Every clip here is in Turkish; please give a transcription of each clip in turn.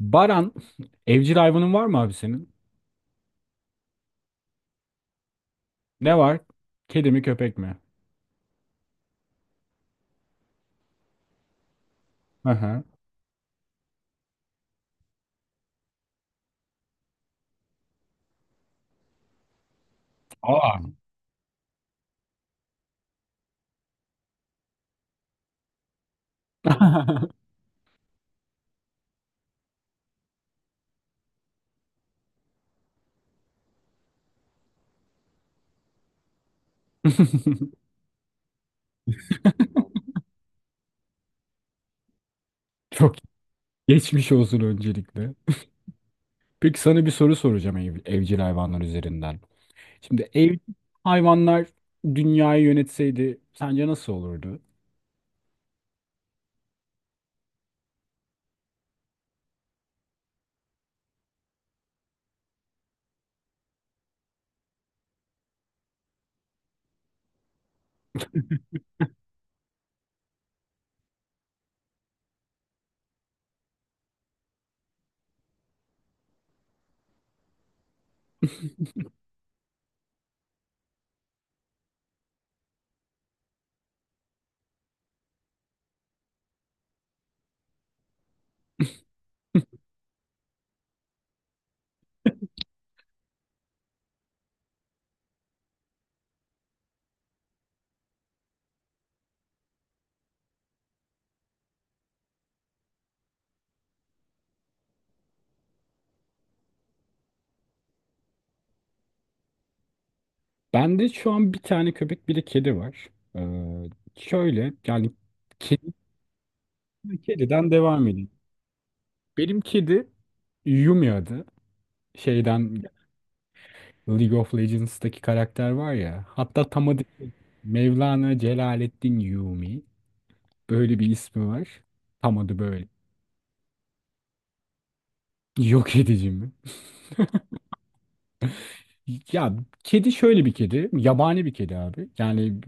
Baran, evcil hayvanın var mı abi senin? Ne var? Kedi mi köpek mi? Hı hı. Aa. Çok geçmiş olsun öncelikle. Peki sana bir soru soracağım evcil hayvanlar üzerinden. Şimdi ev hayvanlar dünyayı yönetseydi sence nasıl olurdu? Bende şu an bir tane köpek bir de kedi var. Ee, şöyle yani kedi, kediden devam edeyim. Benim kedi Yumi adı. Şeyden League of Legends'taki karakter var ya. Hatta tam adı Mevlana Celaleddin Rumi. Böyle bir ismi var. Tam adı böyle. Yok edici mi? Ya kedi şöyle bir kedi. Yabani bir kedi abi. Yani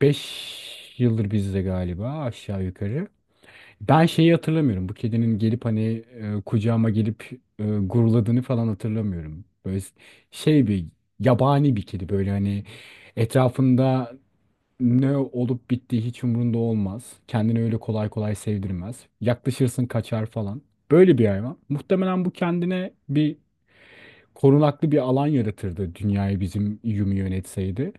5 yıldır bizde galiba aşağı yukarı. Ben şeyi hatırlamıyorum. Bu kedinin gelip hani kucağıma gelip guruladığını falan hatırlamıyorum. Böyle şey bir yabani bir kedi böyle hani etrafında ne olup bittiği hiç umurunda olmaz. Kendini öyle kolay kolay sevdirmez. Yaklaşırsın kaçar falan. Böyle bir hayvan. Muhtemelen bu kendine bir korunaklı bir alan yaratırdı dünyayı bizim Yumi yönetseydi.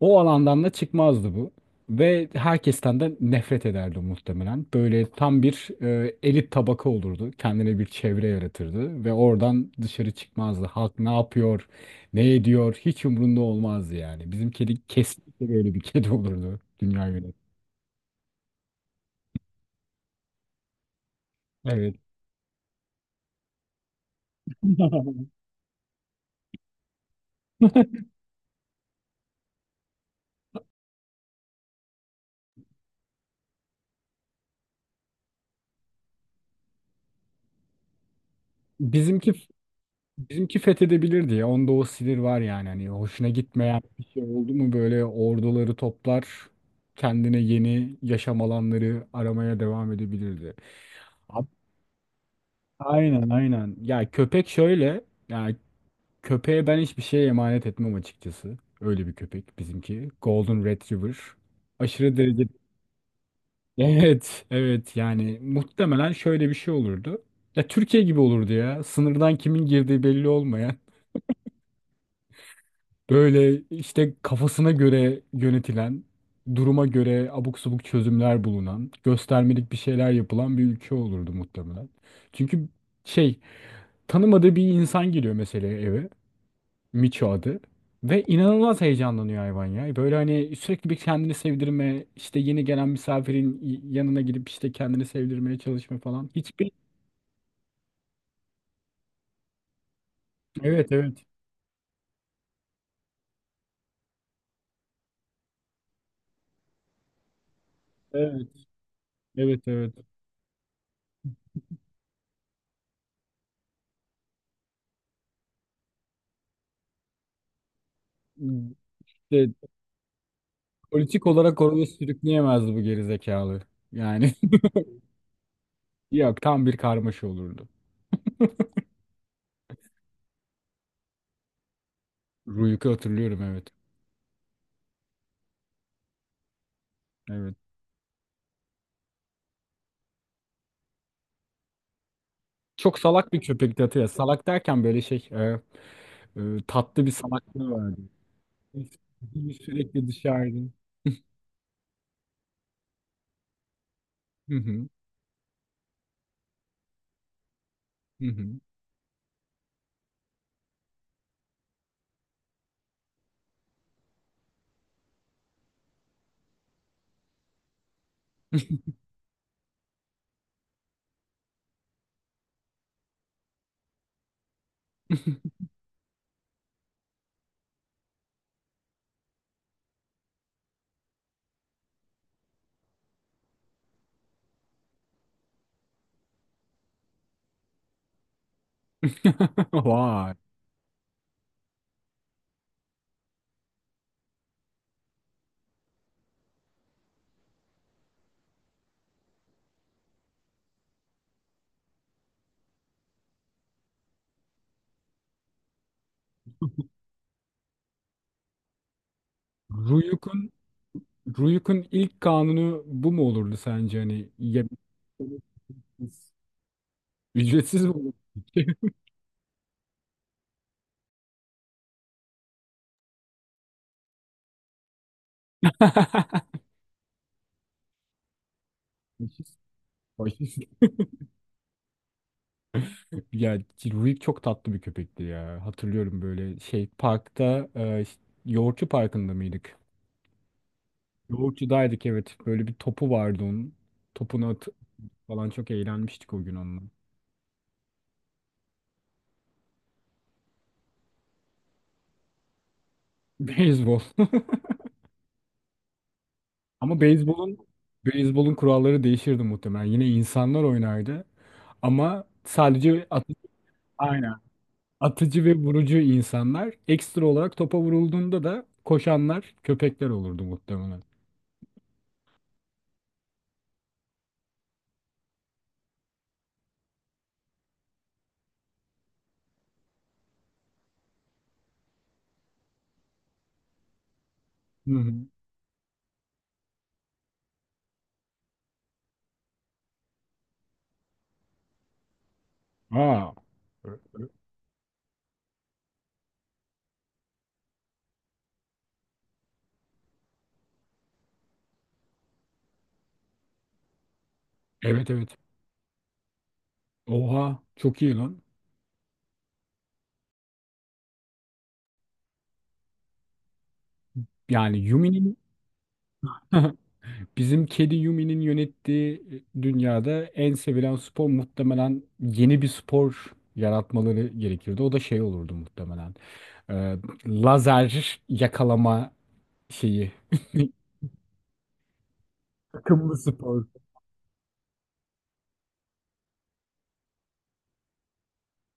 O alandan da çıkmazdı bu. Ve herkesten de nefret ederdi muhtemelen. Böyle tam bir elit tabaka olurdu. Kendine bir çevre yaratırdı. Ve oradan dışarı çıkmazdı. Halk ne yapıyor, ne ediyor hiç umurunda olmazdı yani. Bizim kedi kesinlikle böyle bir kedi olurdu. Dünya yönetimi. Evet. Bizimki Bizimki fethedebilir diye. Onda o sinir var yani. Hani hoşuna gitmeyen bir şey oldu mu böyle orduları toplar. Kendine yeni yaşam alanları aramaya devam edebilirdi. Abi, aynen aynen. Ya köpek şöyle. Yani köpeğe ben hiçbir şey emanet etmem açıkçası. Öyle bir köpek bizimki. Golden Retriever. Aşırı derecede. Evet evet yani muhtemelen şöyle bir şey olurdu. Ya Türkiye gibi olurdu ya. Sınırdan kimin girdiği belli olmayan. Böyle işte kafasına göre yönetilen, duruma göre abuk subuk çözümler bulunan, göstermelik bir şeyler yapılan bir ülke olurdu muhtemelen. Çünkü şey, tanımadığı bir insan geliyor mesela eve, Miço adı. Ve inanılmaz heyecanlanıyor hayvan ya. Böyle hani sürekli bir kendini sevdirme, işte yeni gelen misafirin yanına gidip işte kendini sevdirmeye çalışma falan. Hiçbir... Evet, evet. Evet, evet, evet. İşte politik olarak oraya sürükleyemezdi bu gerizekalı. Yani Yok, tam bir karmaşa olurdu. Ruyuk'u hatırlıyorum evet. Evet. Çok salak bir köpekti hatırlıyorum. Salak derken böyle e, tatlı bir salaklığı vardı. Biz sürekli dışarıda. Hı hı. Hı hı. Vay. Ruyuk'un Ruyuk'un ilk kanunu bu mu olurdu sence hani yemekleri ücretsiz ücretsiz mi olurdu? Faşist, faşist. Ya Rurik çok tatlı bir köpekti ya. Hatırlıyorum böyle şey parkta işte Yoğurtçu Parkı'nda mıydık? Yoğurtçu'daydık evet. Böyle bir topu vardı onun. Topunu at falan, çok eğlenmiştik o gün onunla. Beyzbol. Ama beyzbolun kuralları değişirdi muhtemelen. Yine insanlar oynardı ama sadece at, aynen, atıcı ve vurucu insanlar ekstra olarak topa vurulduğunda da koşanlar köpekler olurdu muhtemelen. Hı hı. Aa. Evet evet. Oha çok iyi lan. Yani Yumi'nin bizim kedi Yumi'nin yönettiği dünyada en sevilen spor muhtemelen yeni bir spor yaratmaları gerekirdi. O da şey olurdu muhtemelen. Ee, lazer yakalama şeyi. Takımlı spor.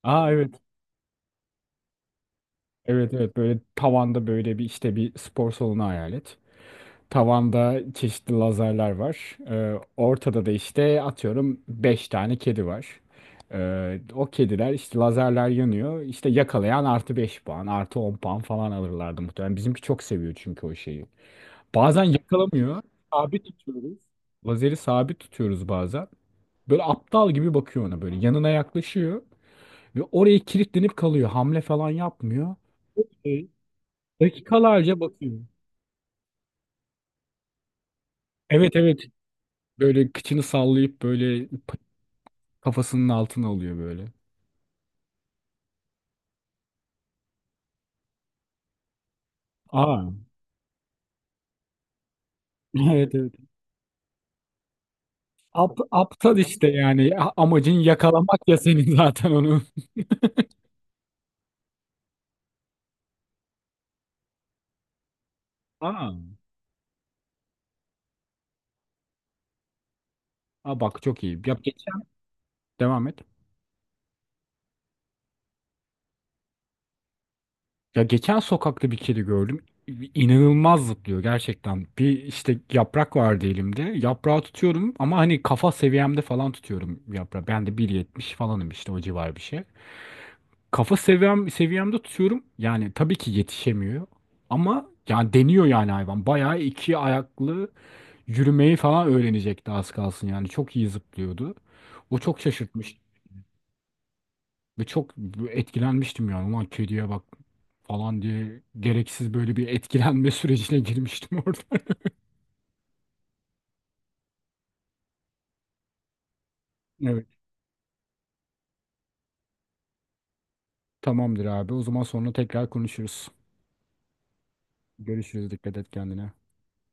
Aa, evet. Evet evet, böyle tavanda böyle bir işte bir spor salonu hayal et. Tavanda çeşitli lazerler var. Ortada da işte atıyorum 5 tane kedi var. O kediler işte lazerler yanıyor. İşte yakalayan +5 puan, +10 puan falan alırlardı muhtemelen. Bizimki çok seviyor çünkü o şeyi. Bazen yakalamıyor. Sabit tutuyoruz. Lazeri sabit tutuyoruz bazen. Böyle aptal gibi bakıyor ona böyle. Yanına yaklaşıyor. Ve oraya kilitlenip kalıyor. Hamle falan yapmıyor. Ee, dakikalarca bakıyor. Evet evet. Böyle kıçını sallayıp böyle kafasının altına oluyor böyle. Aa, evet evet. Aptal işte yani amacın yakalamak ya senin zaten onu. Aa. Aa bak çok iyi. Ya geçen devam et. Ya geçen sokakta bir kedi gördüm. İnanılmaz zıplıyor gerçekten. Bir işte yaprak vardı elimde. Yaprağı tutuyorum ama hani kafa seviyemde falan tutuyorum yaprağı. Ben de 1,70 falanım işte o civar bir şey. Kafa seviyemde tutuyorum. Yani tabii ki yetişemiyor. Ama yani deniyor yani hayvan. Bayağı iki ayaklı yürümeyi falan öğrenecekti az kalsın yani. Çok iyi zıplıyordu. O çok şaşırtmış ve çok etkilenmiştim yani. Ulan kediye bak falan diye gereksiz böyle bir etkilenme sürecine girmiştim orada. Evet. Tamamdır abi. O zaman sonra tekrar konuşuruz. Görüşürüz. Dikkat et kendine.